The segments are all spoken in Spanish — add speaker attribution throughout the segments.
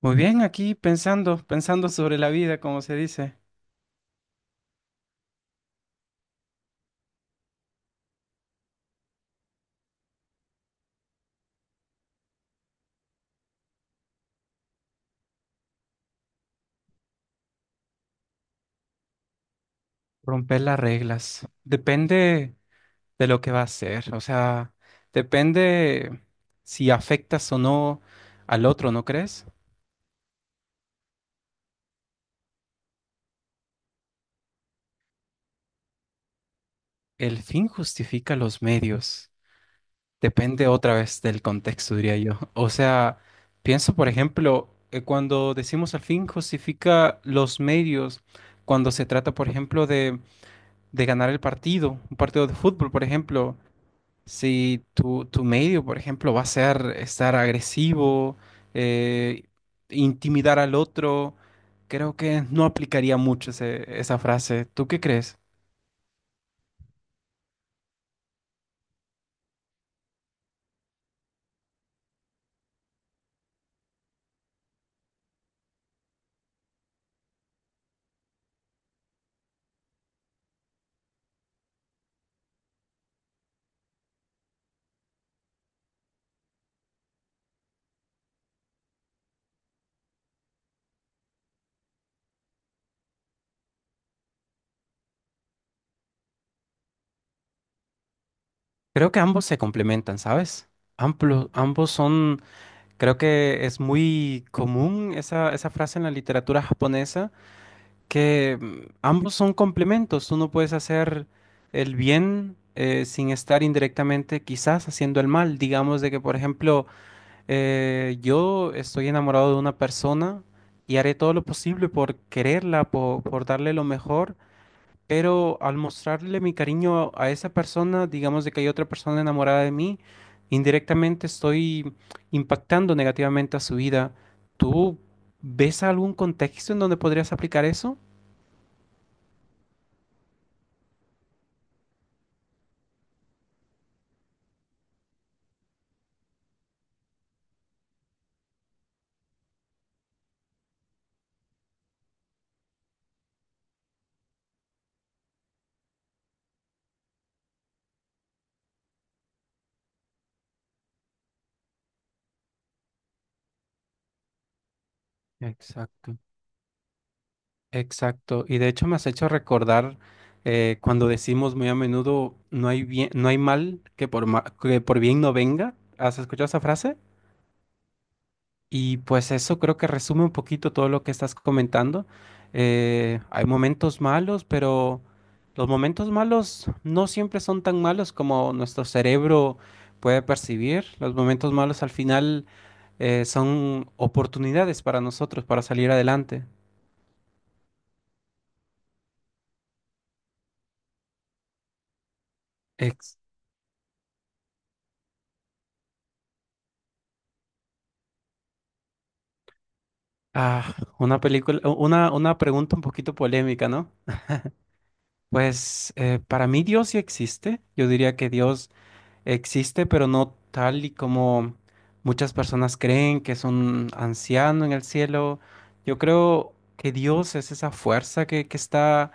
Speaker 1: Muy bien, aquí pensando sobre la vida, como se dice, romper las reglas. Depende de lo que va a hacer, o sea, depende si afectas o no al otro, ¿no crees? El fin justifica los medios. Depende otra vez del contexto, diría yo. O sea, pienso, por ejemplo, cuando decimos el fin justifica los medios, cuando se trata, por ejemplo, de ganar el partido, un partido de fútbol, por ejemplo. Si tu medio, por ejemplo, va a ser estar agresivo, eh, intimidar al otro, creo que no aplicaría mucho esa frase. ¿Tú qué crees? Creo que ambos se complementan, ¿sabes? Ambos son, creo que es muy común esa frase en la literatura japonesa, que ambos son complementos. Tú no puedes hacer el bien sin estar indirectamente quizás haciendo el mal. Digamos de que, por ejemplo, yo estoy enamorado de una persona y haré todo lo posible por quererla, darle lo mejor, pero al mostrarle mi cariño a esa persona, digamos de que hay otra persona enamorada de mí, indirectamente estoy impactando negativamente a su vida. ¿Tú ves algún contexto en donde podrías aplicar eso? Exacto. Exacto, y de hecho me has hecho recordar cuando decimos muy a menudo no hay mal que que por bien no venga. ¿Has escuchado esa frase? Y pues eso creo que resume un poquito todo lo que estás comentando. Hay momentos malos, pero los momentos malos no siempre son tan malos como nuestro cerebro puede percibir. Los momentos malos al final son oportunidades para nosotros para salir adelante. Ex- Ah, una película, una pregunta un poquito polémica, ¿no? Pues para mí Dios sí existe. Yo diría que Dios existe, pero no tal y como muchas personas creen que es un anciano en el cielo. Yo creo que Dios es esa fuerza que está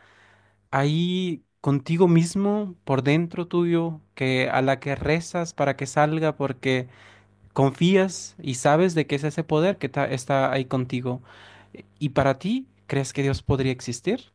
Speaker 1: ahí contigo mismo, por dentro tuyo, que a la que rezas para que salga, porque confías y sabes de qué es ese poder que está ahí contigo. ¿Y para ti, crees que Dios podría existir?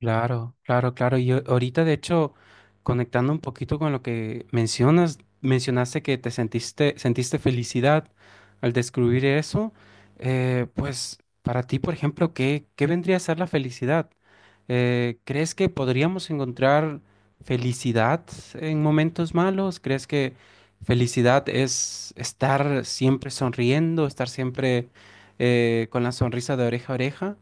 Speaker 1: Claro, claro, claro. Y ahorita, de hecho, conectando un poquito con lo que mencionas, mencionaste que sentiste felicidad al descubrir eso. Pues para ti, por ejemplo, ¿ qué vendría a ser la felicidad? ¿Crees que podríamos encontrar felicidad en momentos malos? ¿Crees que felicidad es estar siempre sonriendo, estar siempre con la sonrisa de oreja a oreja?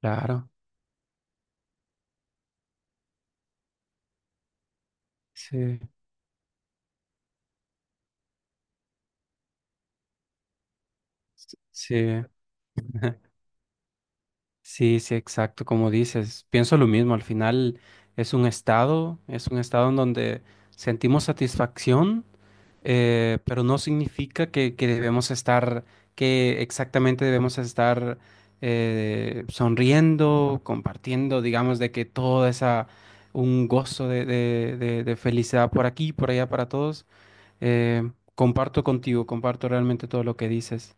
Speaker 1: Claro, sí. Sí, sí, sí, exacto, como dices, pienso lo mismo, al final es un estado en donde sentimos satisfacción, pero no significa que debemos estar, que exactamente debemos estar sonriendo, compartiendo, digamos, de que toda esa, un gozo de felicidad por aquí, por allá, para todos. Comparto contigo, comparto realmente todo lo que dices.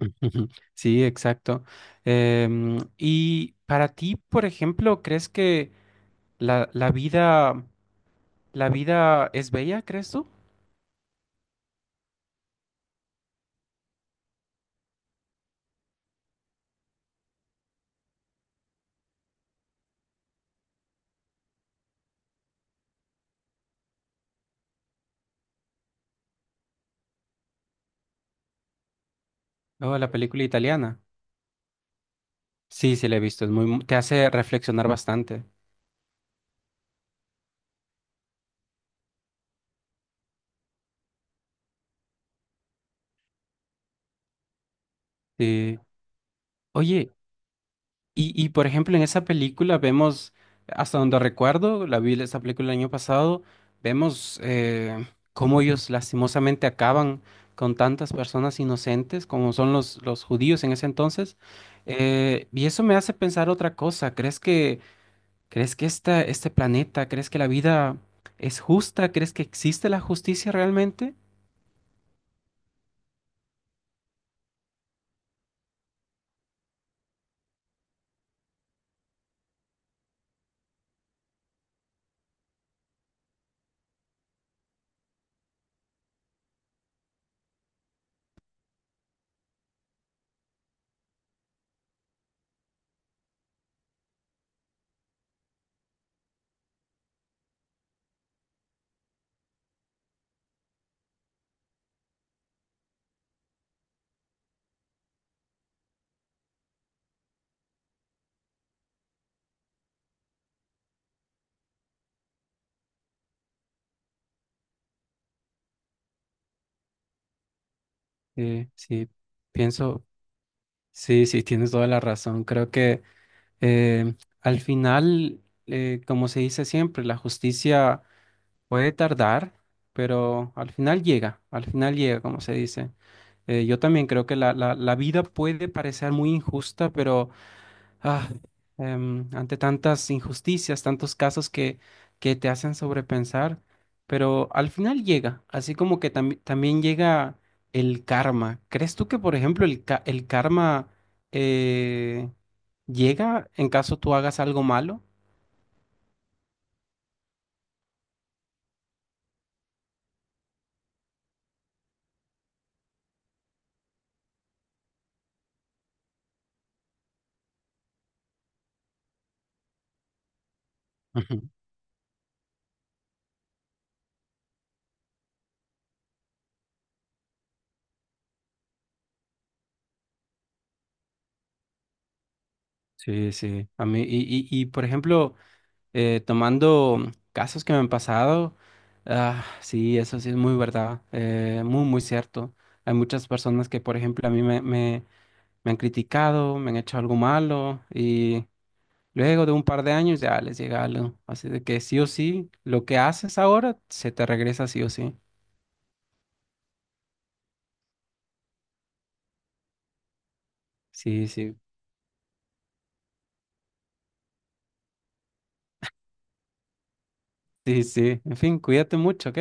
Speaker 1: Ujú. Sí, exacto. Y para ti, por ejemplo, ¿crees que la, la vida, la vida es bella, crees tú? Oh, la película italiana. Sí, sí, la he visto. Es te hace reflexionar bastante. Sí. Oye, por ejemplo, en esa película vemos, hasta donde recuerdo, la vi esa película el año pasado, vemos cómo ellos lastimosamente acaban con tantas personas inocentes como son los judíos en ese entonces. Y eso me hace pensar otra cosa. ¿ crees que este planeta, ¿crees que la vida es justa? ¿Crees que existe la justicia realmente? Sí, pienso, sí, sí, tienes toda la razón. Creo que... Eh, Al final, como se dice siempre, la justicia puede tardar, pero al final llega, como se dice. Yo también creo que la vida puede parecer muy injusta, pero Ah, ante tantas injusticias, tantos casos que te hacen sobrepensar, pero al final llega, así como que también llega el karma. ¿Crees tú que, por ejemplo, el karma eh, llega en caso tú hagas algo malo? Ujú. Sí, sí. A mí, y, por ejemplo, tomando casos que me han pasado, ah, sí, eso sí es muy verdad, muy, muy cierto. Hay muchas personas que, por ejemplo, a mí me han criticado, me han hecho algo malo y luego de un par de años ya les llega algo. Así de que sí o sí, lo que haces ahora se te regresa sí o sí. Sí, sí, sí, sí. En fin, cuídate mucho, ¿ok?